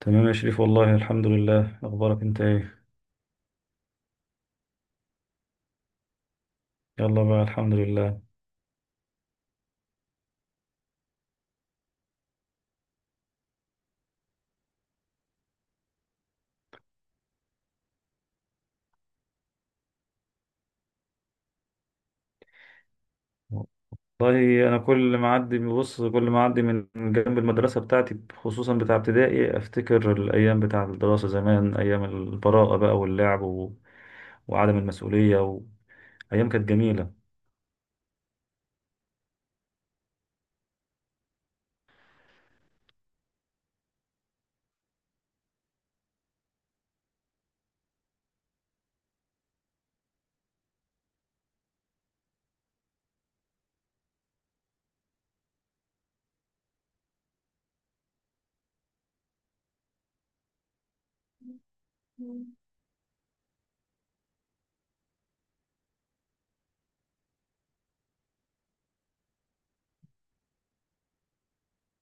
تمام يا شريف، والله الحمد لله. اخبارك انت ايه؟ يلا بقى، الحمد لله. والله انا كل ما اعدي، من جنب المدرسه بتاعتي، خصوصا بتاع ابتدائي، افتكر الايام بتاع الدراسه زمان، ايام البراءه بقى واللعب وعدم المسؤوليه. ايام كانت جميله.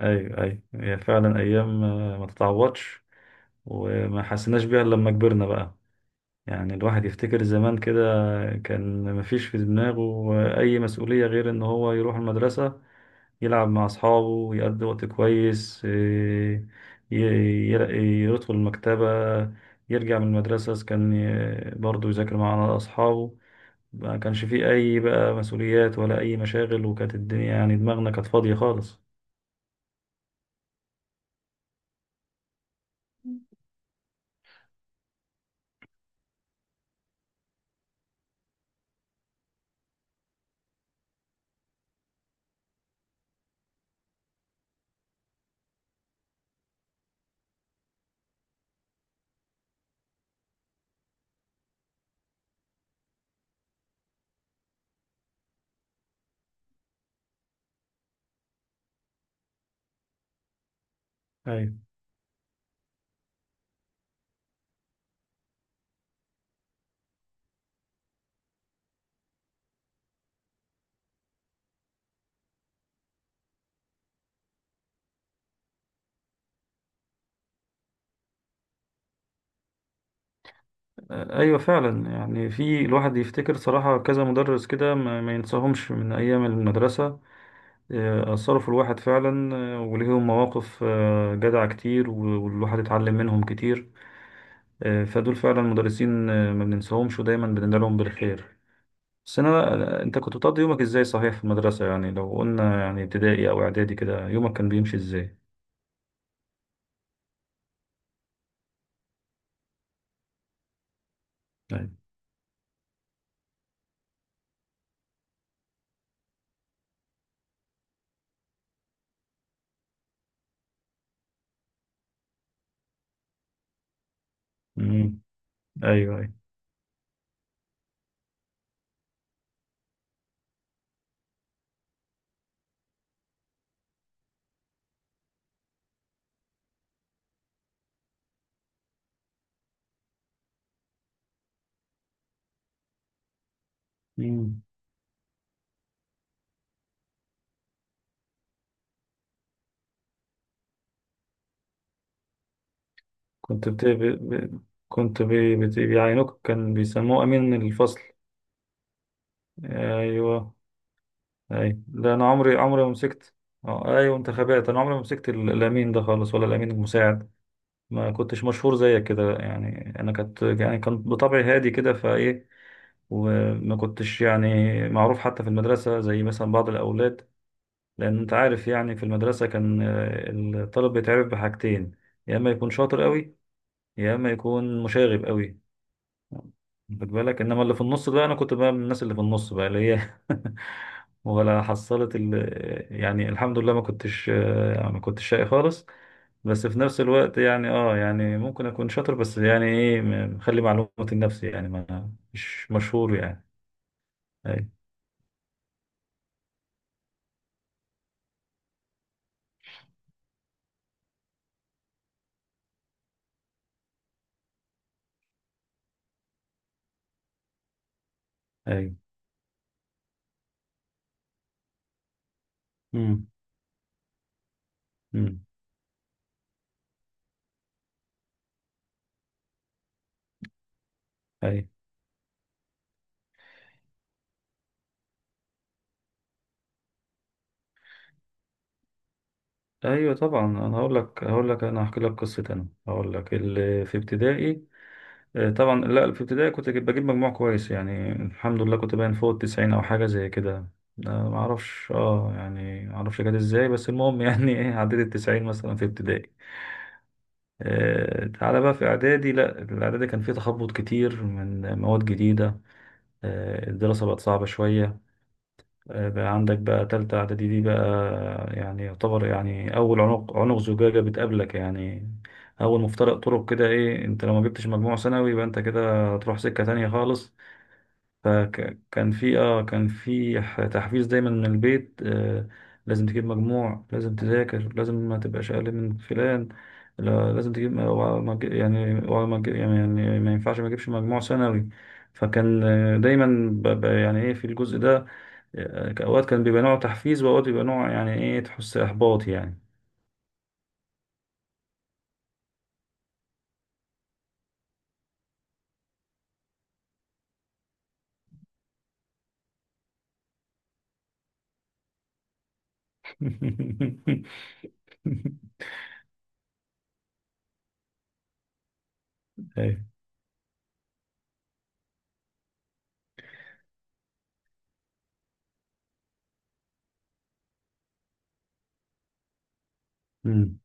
ايوه، ايوه، هي فعلا ايام ما تتعوضش. وما حسيناش بيها إلا لما كبرنا بقى. يعني الواحد يفتكر زمان كده، كان مفيش في دماغه أي مسؤولية غير إن هو يروح المدرسة، يلعب مع أصحابه، يقضي وقت كويس، يدخل المكتبة، يرجع من المدرسة، إذا كان برضه يذاكر مع أصحابه. ما كانش فيه أي بقى مسؤوليات ولا أي مشاغل، وكانت الدنيا، يعني دماغنا كانت فاضية خالص. ايوه، ايوه فعلا. يعني في الواحد يفتكر صراحه كذا مدرس كده ما ينساهمش من ايام المدرسه. أثروا في الواحد فعلا، وليهم مواقف جدعة كتير، والواحد اتعلم منهم كتير. فدول فعلا مدرسين، ما بننساهمش ودايما بندعي لهم بالخير. بس أنت كنت بتقضي يومك إزاي صحيح في المدرسة؟ يعني لو قلنا يعني ابتدائي أو إعدادي كده، يومك كان بيمشي إزاي؟ أيوة. مم. أيوه، أيوه. مم. كنت بت... ب... ب... كنت بي... بت... بيعينوك، كان بيسموه أمين الفصل. أيوه. اي، لا، انا عمري ما مسكت. اه، ايوه، انتخابات. انا عمري ما مسكت الامين ده خالص ولا الامين المساعد. ما كنتش مشهور زيك كده، يعني انا كنت، يعني كان بطبعي هادي كده فايه. وما كنتش يعني معروف حتى في المدرسه، زي مثلا بعض الاولاد. لان انت عارف، يعني في المدرسه كان، الطالب بيتعرف بحاجتين: يا اما يكون شاطر قوي، يا اما يكون مشاغب قوي. خد بالك، انما اللي في النص ده انا كنت بقى من الناس اللي في النص بقى، اللي هي ولا حصلت. يعني الحمد لله ما كنتش، ما كنتش شقي خالص. بس في نفس الوقت، يعني يعني ممكن اكون شاطر، بس يعني ايه، مخلي معلوماتي لنفسي، يعني ما مش مشهور يعني. اي، اي، امم، امم، اي، ايوه. طبعا، انا هقول لك انا هحكي لك قصه. انا هقول لك اللي في ابتدائي. طبعا، لا، في ابتدائي كنت بجيب مجموع كويس، يعني الحمد لله كنت باين فوق التسعين او حاجه زي كده. ما اعرفش، يعني ما اعرفش جت ازاي، بس المهم يعني ايه، عديت التسعين مثلا في ابتدائي. تعالى بقى في اعدادي، لا الاعدادي كان فيه تخبط كتير من مواد جديده. الدراسه بقت صعبه شويه. بقى عندك بقى تالتة اعدادي دي بقى، يعني يعتبر يعني اول عنق زجاجه بتقابلك، يعني اول مفترق طرق. كده ايه، انت لو ما جبتش مجموع ثانوي يبقى انت كده هتروح سكه تانية خالص. فكان في، كان في، تحفيز دايما من البيت. لازم تجيب مجموع، لازم تذاكر، لازم ما تبقاش اقل من فلان. لا، لازم تجيب، أوعى ما تجي- يعني يعني ما ينفعش ما اجيبش مجموع ثانوي. فكان، دايما يعني ايه في الجزء ده، اوقات كان بيبقى نوع تحفيز، واوقات بيبقى نوع يعني ايه، تحس احباط يعني. أيوة. مم.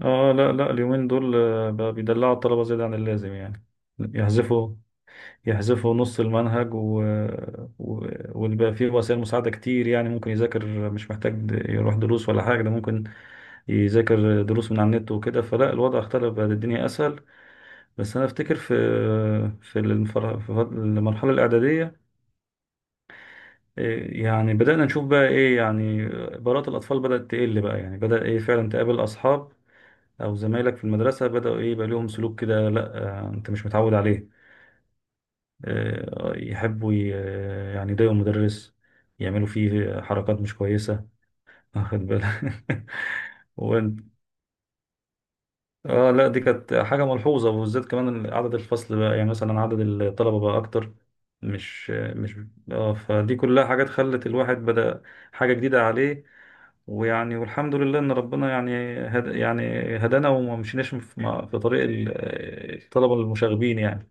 اه لا، لا، اليومين دول بقى بيدلعوا الطلبة زيادة عن اللازم يعني. يحذفوا يحذفوا نص المنهج و... ويبقى فيه وسائل مساعدة كتير، يعني ممكن يذاكر، مش محتاج يروح دروس ولا حاجة، ده ممكن يذاكر دروس من على النت وكده. فلا الوضع اختلف، بقت الدنيا أسهل. بس أنا أفتكر في، في المرحلة الإعدادية، يعني بدأنا نشوف بقى إيه، يعني برات الأطفال بدأت تقل بقى. يعني بدأ إيه، فعلا تقابل أصحاب أو زمايلك في المدرسة بدأوا إيه، يبقى لهم سلوك كده لا، أنت مش متعود عليه. يحبوا يعني يضايقوا المدرس، يعملوا فيه حركات مش كويسة، واخد بالك؟ وانت، اه لا، دي كانت حاجة ملحوظة. وبالذات كمان عدد الفصل بقى، يعني مثلا عدد الطلبة بقى أكتر، مش، اه فدي كلها حاجات خلت الواحد بدأ حاجة جديدة عليه. ويعني، والحمد لله إن ربنا يعني، هد يعني هدانا، وما مشيناش في طريق الطلبة المشاغبين يعني.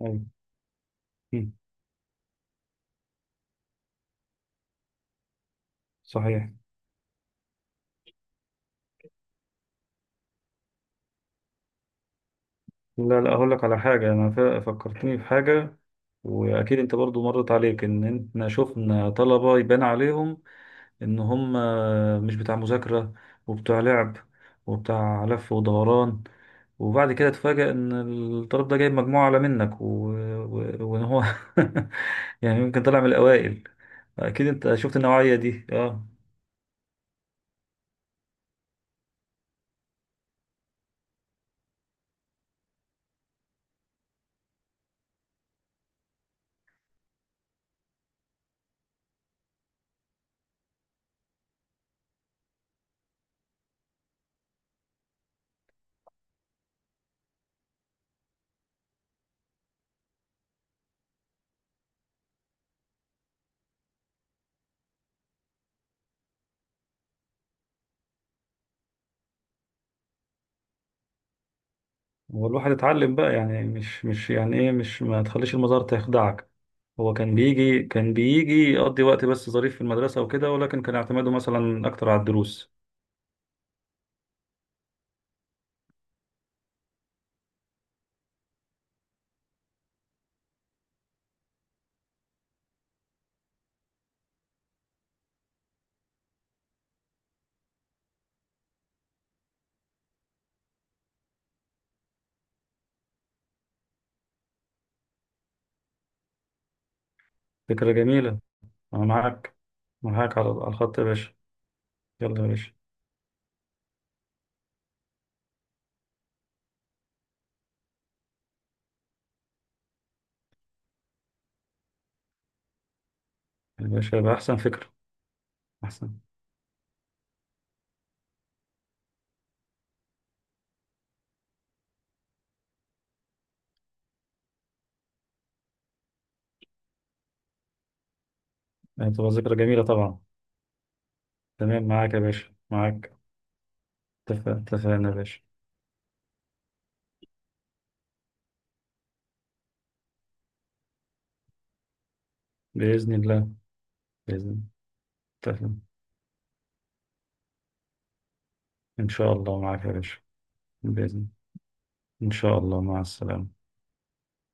أيوة. صحيح. لا، لا، هقول لك على حاجة، أنا فكرتني في حاجة. وأكيد أنت برضو مرت عليك إن إحنا شفنا طلبة يبان عليهم إن هم مش بتاع مذاكرة، وبتاع لعب، وبتاع لف ودوران. وبعد كده تفاجأ إن الطالب ده جايب مجموعة أعلى منك، وإن هو يعني يمكن طلع من الأوائل. أكيد أنت شفت النوعية دي، أه. هو الواحد اتعلم بقى، يعني مش يعني ايه، مش ما تخليش المزار تخدعك. هو كان بيجي، يقضي وقت بس ظريف في المدرسة وكده، ولكن كان اعتماده مثلا أكتر على الدروس. فكرة جميلة. أنا معاك. معاك على الخط يا باشا. يلا يا باشا. يا باشا يبقى أحسن فكرة. أحسن. يعني تبقى ذكرى جميلة طبعا. تمام، معاك يا باشا، معاك. اتفقنا يا باشا. بإذن الله. بإذن الله، اتفقنا. إن شاء الله معاك يا باشا. بإذن. إن شاء الله، مع السلامة.